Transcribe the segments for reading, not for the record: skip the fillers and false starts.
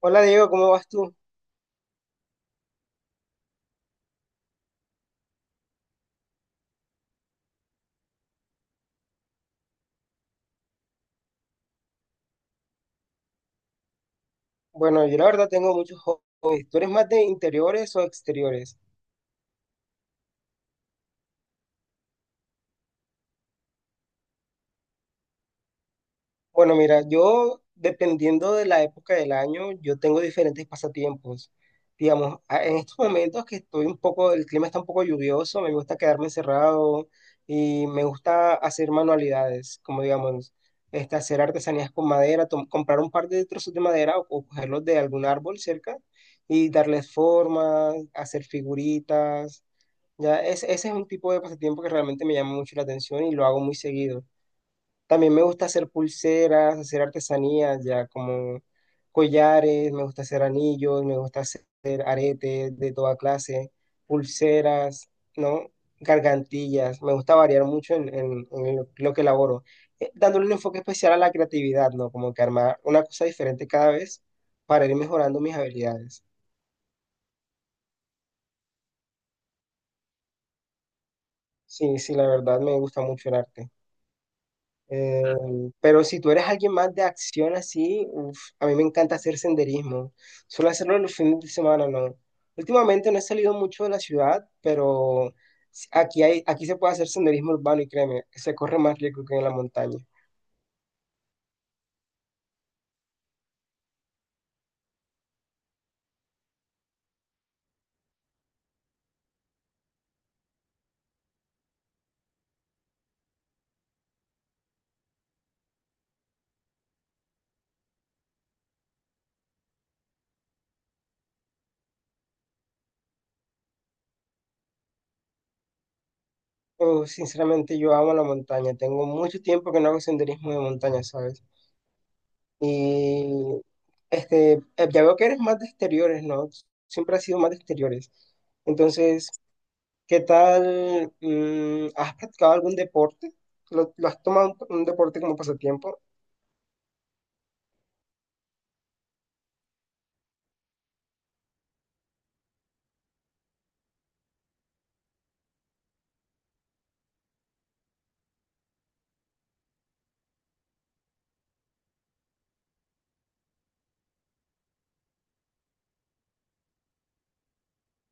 Hola Diego, ¿cómo vas tú? Bueno, yo la verdad tengo muchos hobbies. ¿Tú eres más de interiores o exteriores? Bueno, mira, yo dependiendo de la época del año, yo tengo diferentes pasatiempos. Digamos, en estos momentos que estoy un poco, el clima está un poco lluvioso, me gusta quedarme encerrado y me gusta hacer manualidades, como digamos, hacer artesanías con madera, comprar un par de trozos de madera o cogerlos de algún árbol cerca y darles forma, hacer figuritas. Ya, es, ese es un tipo de pasatiempo que realmente me llama mucho la atención y lo hago muy seguido. También me gusta hacer pulseras, hacer artesanías, ya como collares, me gusta hacer anillos, me gusta hacer aretes de toda clase, pulseras, ¿no? Gargantillas. Me gusta variar mucho en lo que elaboro, dándole un enfoque especial a la creatividad, ¿no? Como que armar una cosa diferente cada vez para ir mejorando mis habilidades. Sí, sí, la verdad me gusta mucho el arte. Eh, pero si tú eres alguien más de acción así, uf, a mí me encanta hacer senderismo. Suelo hacerlo los fines de semana, no. Últimamente no he salido mucho de la ciudad, pero aquí hay, aquí se puede hacer senderismo urbano y créeme, se corre más rico que en la montaña. Uf, sinceramente yo amo la montaña. Tengo mucho tiempo que no hago senderismo de montaña, ¿sabes? Y ya veo que eres más de exteriores, ¿no? Siempre has sido más de exteriores. Entonces, ¿qué tal? ¿Has practicado algún deporte? Lo has tomado un deporte como pasatiempo?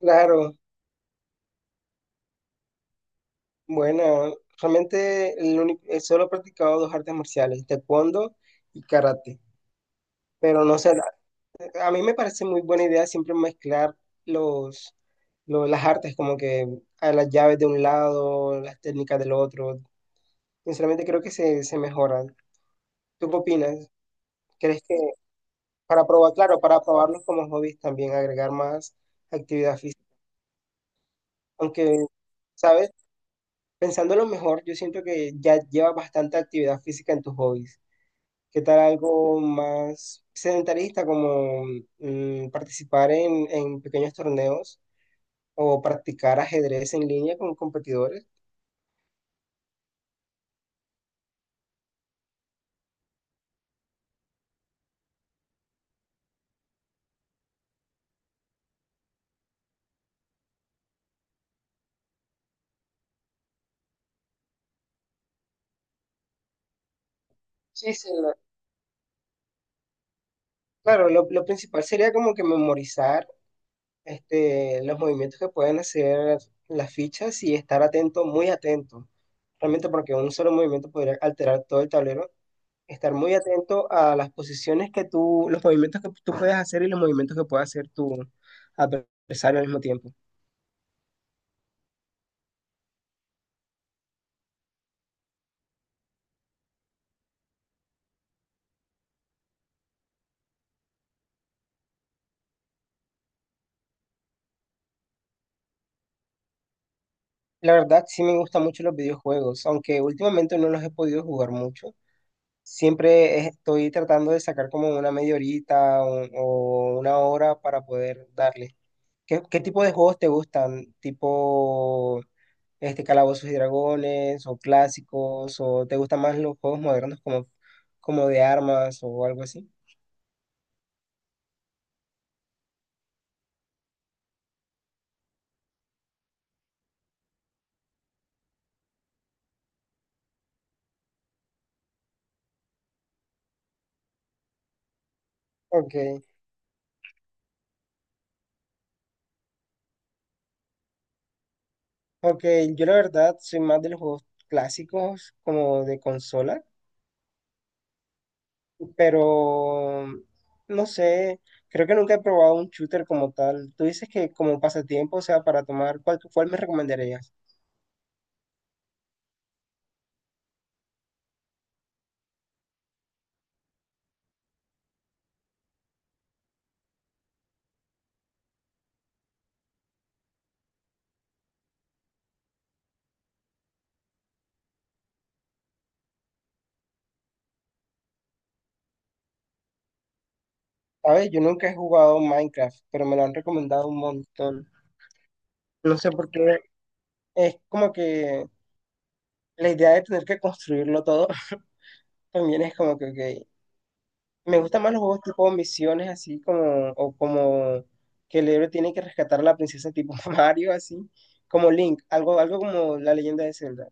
Claro, bueno, realmente solo he practicado dos artes marciales, taekwondo y karate. Pero no sé, a mí me parece muy buena idea siempre mezclar los, las artes, como que a las llaves de un lado, las técnicas del otro. Sinceramente creo que se mejoran. ¿Tú qué opinas? ¿Crees que para probar, claro, para probarlos como hobbies también agregar más actividad física? Aunque, ¿sabes? Pensándolo mejor, yo siento que ya llevas bastante actividad física en tus hobbies. ¿Qué tal algo más sedentarista como participar en pequeños torneos o practicar ajedrez en línea con competidores? Sí, sí, claro, lo principal sería como que memorizar los movimientos que pueden hacer las fichas y estar atento, muy atento. Realmente porque un solo movimiento podría alterar todo el tablero, estar muy atento a las posiciones que tú, los movimientos que tú puedes hacer y los movimientos que puede hacer tu adversario al mismo tiempo. La verdad, sí me gustan mucho los videojuegos, aunque últimamente no los he podido jugar mucho. Siempre estoy tratando de sacar como una media horita o, una hora para poder darle. Qué tipo de juegos te gustan? ¿Tipo Calabozos y Dragones o clásicos? ¿O te gustan más los juegos modernos como de armas o algo así? Ok. Ok, yo la verdad soy más de los juegos clásicos como de consola, pero no sé, creo que nunca he probado un shooter como tal. Tú dices que como pasatiempo, o sea, para tomar, cuál me recomendarías? Sabes, yo nunca he jugado Minecraft, pero me lo han recomendado un montón. No sé por qué, es como que la idea de tener que construirlo todo también es como que, ok. Me gustan más los juegos tipo misiones, así como, o como que el héroe tiene que rescatar a la princesa tipo Mario, así, como Link, algo, algo como la leyenda de Zelda.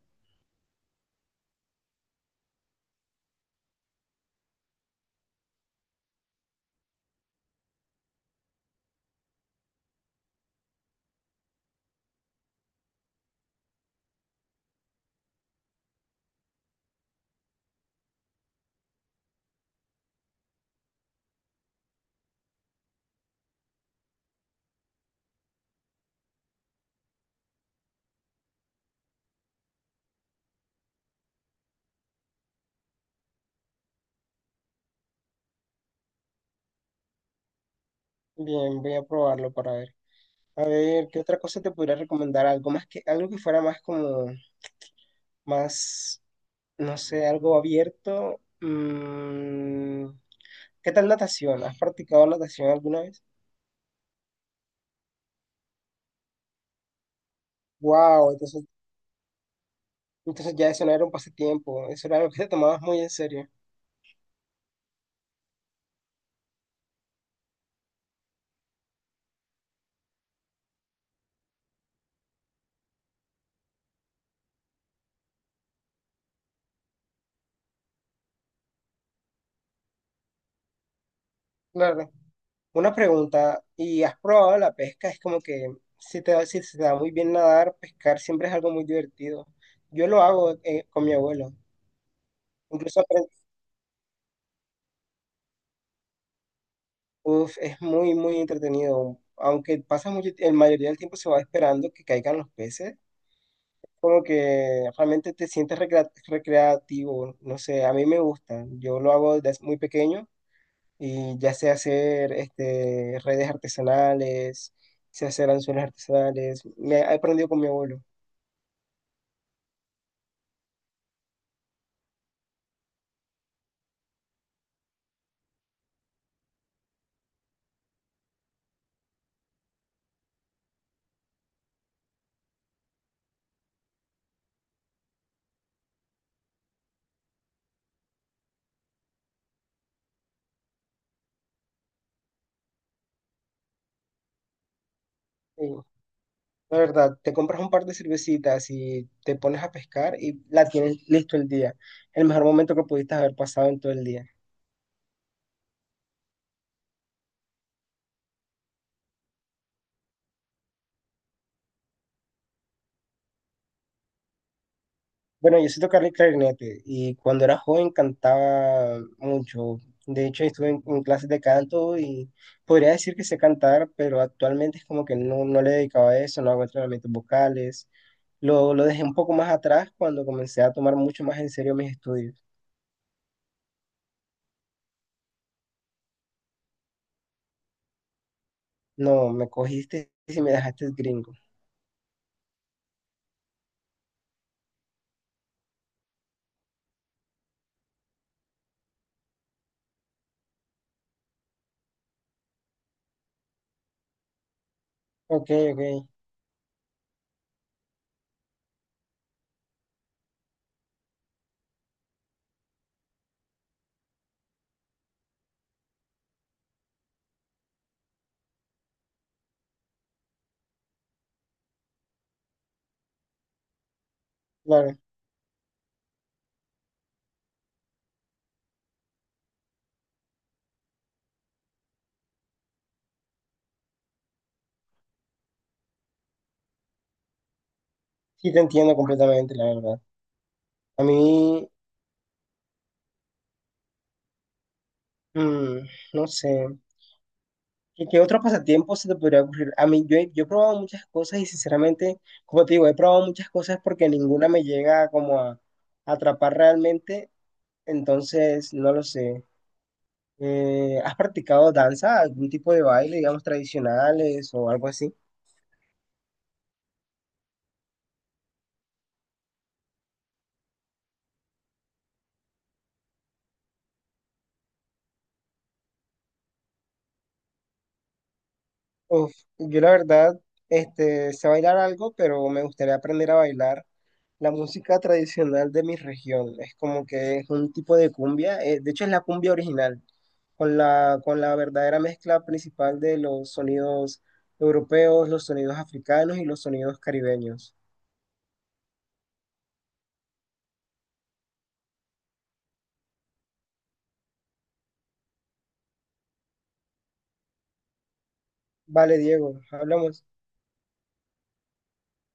Bien, voy a probarlo para ver. A ver, ¿qué otra cosa te podría recomendar? Algo más que, algo que fuera más como, más, no sé, algo abierto. Mm, ¿qué tal natación? ¿Has practicado natación alguna vez? Wow, entonces, entonces ya eso no era un pasatiempo, eso era algo que te tomabas muy en serio. Claro. Una pregunta, ¿y has probado la pesca? Es como que si se te da muy bien nadar, pescar siempre es algo muy divertido. Yo lo hago con mi abuelo. Incluso aprend- Uf, es muy, muy entretenido. Aunque pasa mucho, la mayoría del tiempo se va esperando que caigan los peces. Como que realmente te sientes recreativo. No sé, a mí me gusta. Yo lo hago desde muy pequeño y ya sé hacer redes artesanales, sé hacer anzuelos artesanales. Me he aprendido con mi abuelo. Sí, la verdad, te compras un par de cervecitas y te pones a pescar y la tienes listo el día. El mejor momento que pudiste haber pasado en todo el día. Bueno, yo sé tocar el clarinete y cuando era joven cantaba mucho. De hecho, estuve en clases de canto y podría decir que sé cantar, pero actualmente es como que no, no le dedicaba a eso, no hago entrenamientos vocales. Lo dejé un poco más atrás cuando comencé a tomar mucho más en serio mis estudios. No, me cogiste y me dejaste gringo. Ok, ok, claro. Sí, te entiendo completamente, la verdad. A mí, mm, no sé, qué otro pasatiempo se te podría ocurrir? A mí, yo he probado muchas cosas y sinceramente, como te digo, he probado muchas cosas porque ninguna me llega como a atrapar realmente, entonces, no lo sé. ¿Has practicado danza, algún tipo de baile, digamos, tradicionales o algo así? Uf, yo la verdad, sé bailar algo, pero me gustaría aprender a bailar la música tradicional de mi región. Es como que es un tipo de cumbia, de hecho es la cumbia original, con la verdadera mezcla principal de los sonidos europeos, los sonidos africanos y los sonidos caribeños. Vale, Diego, hablamos.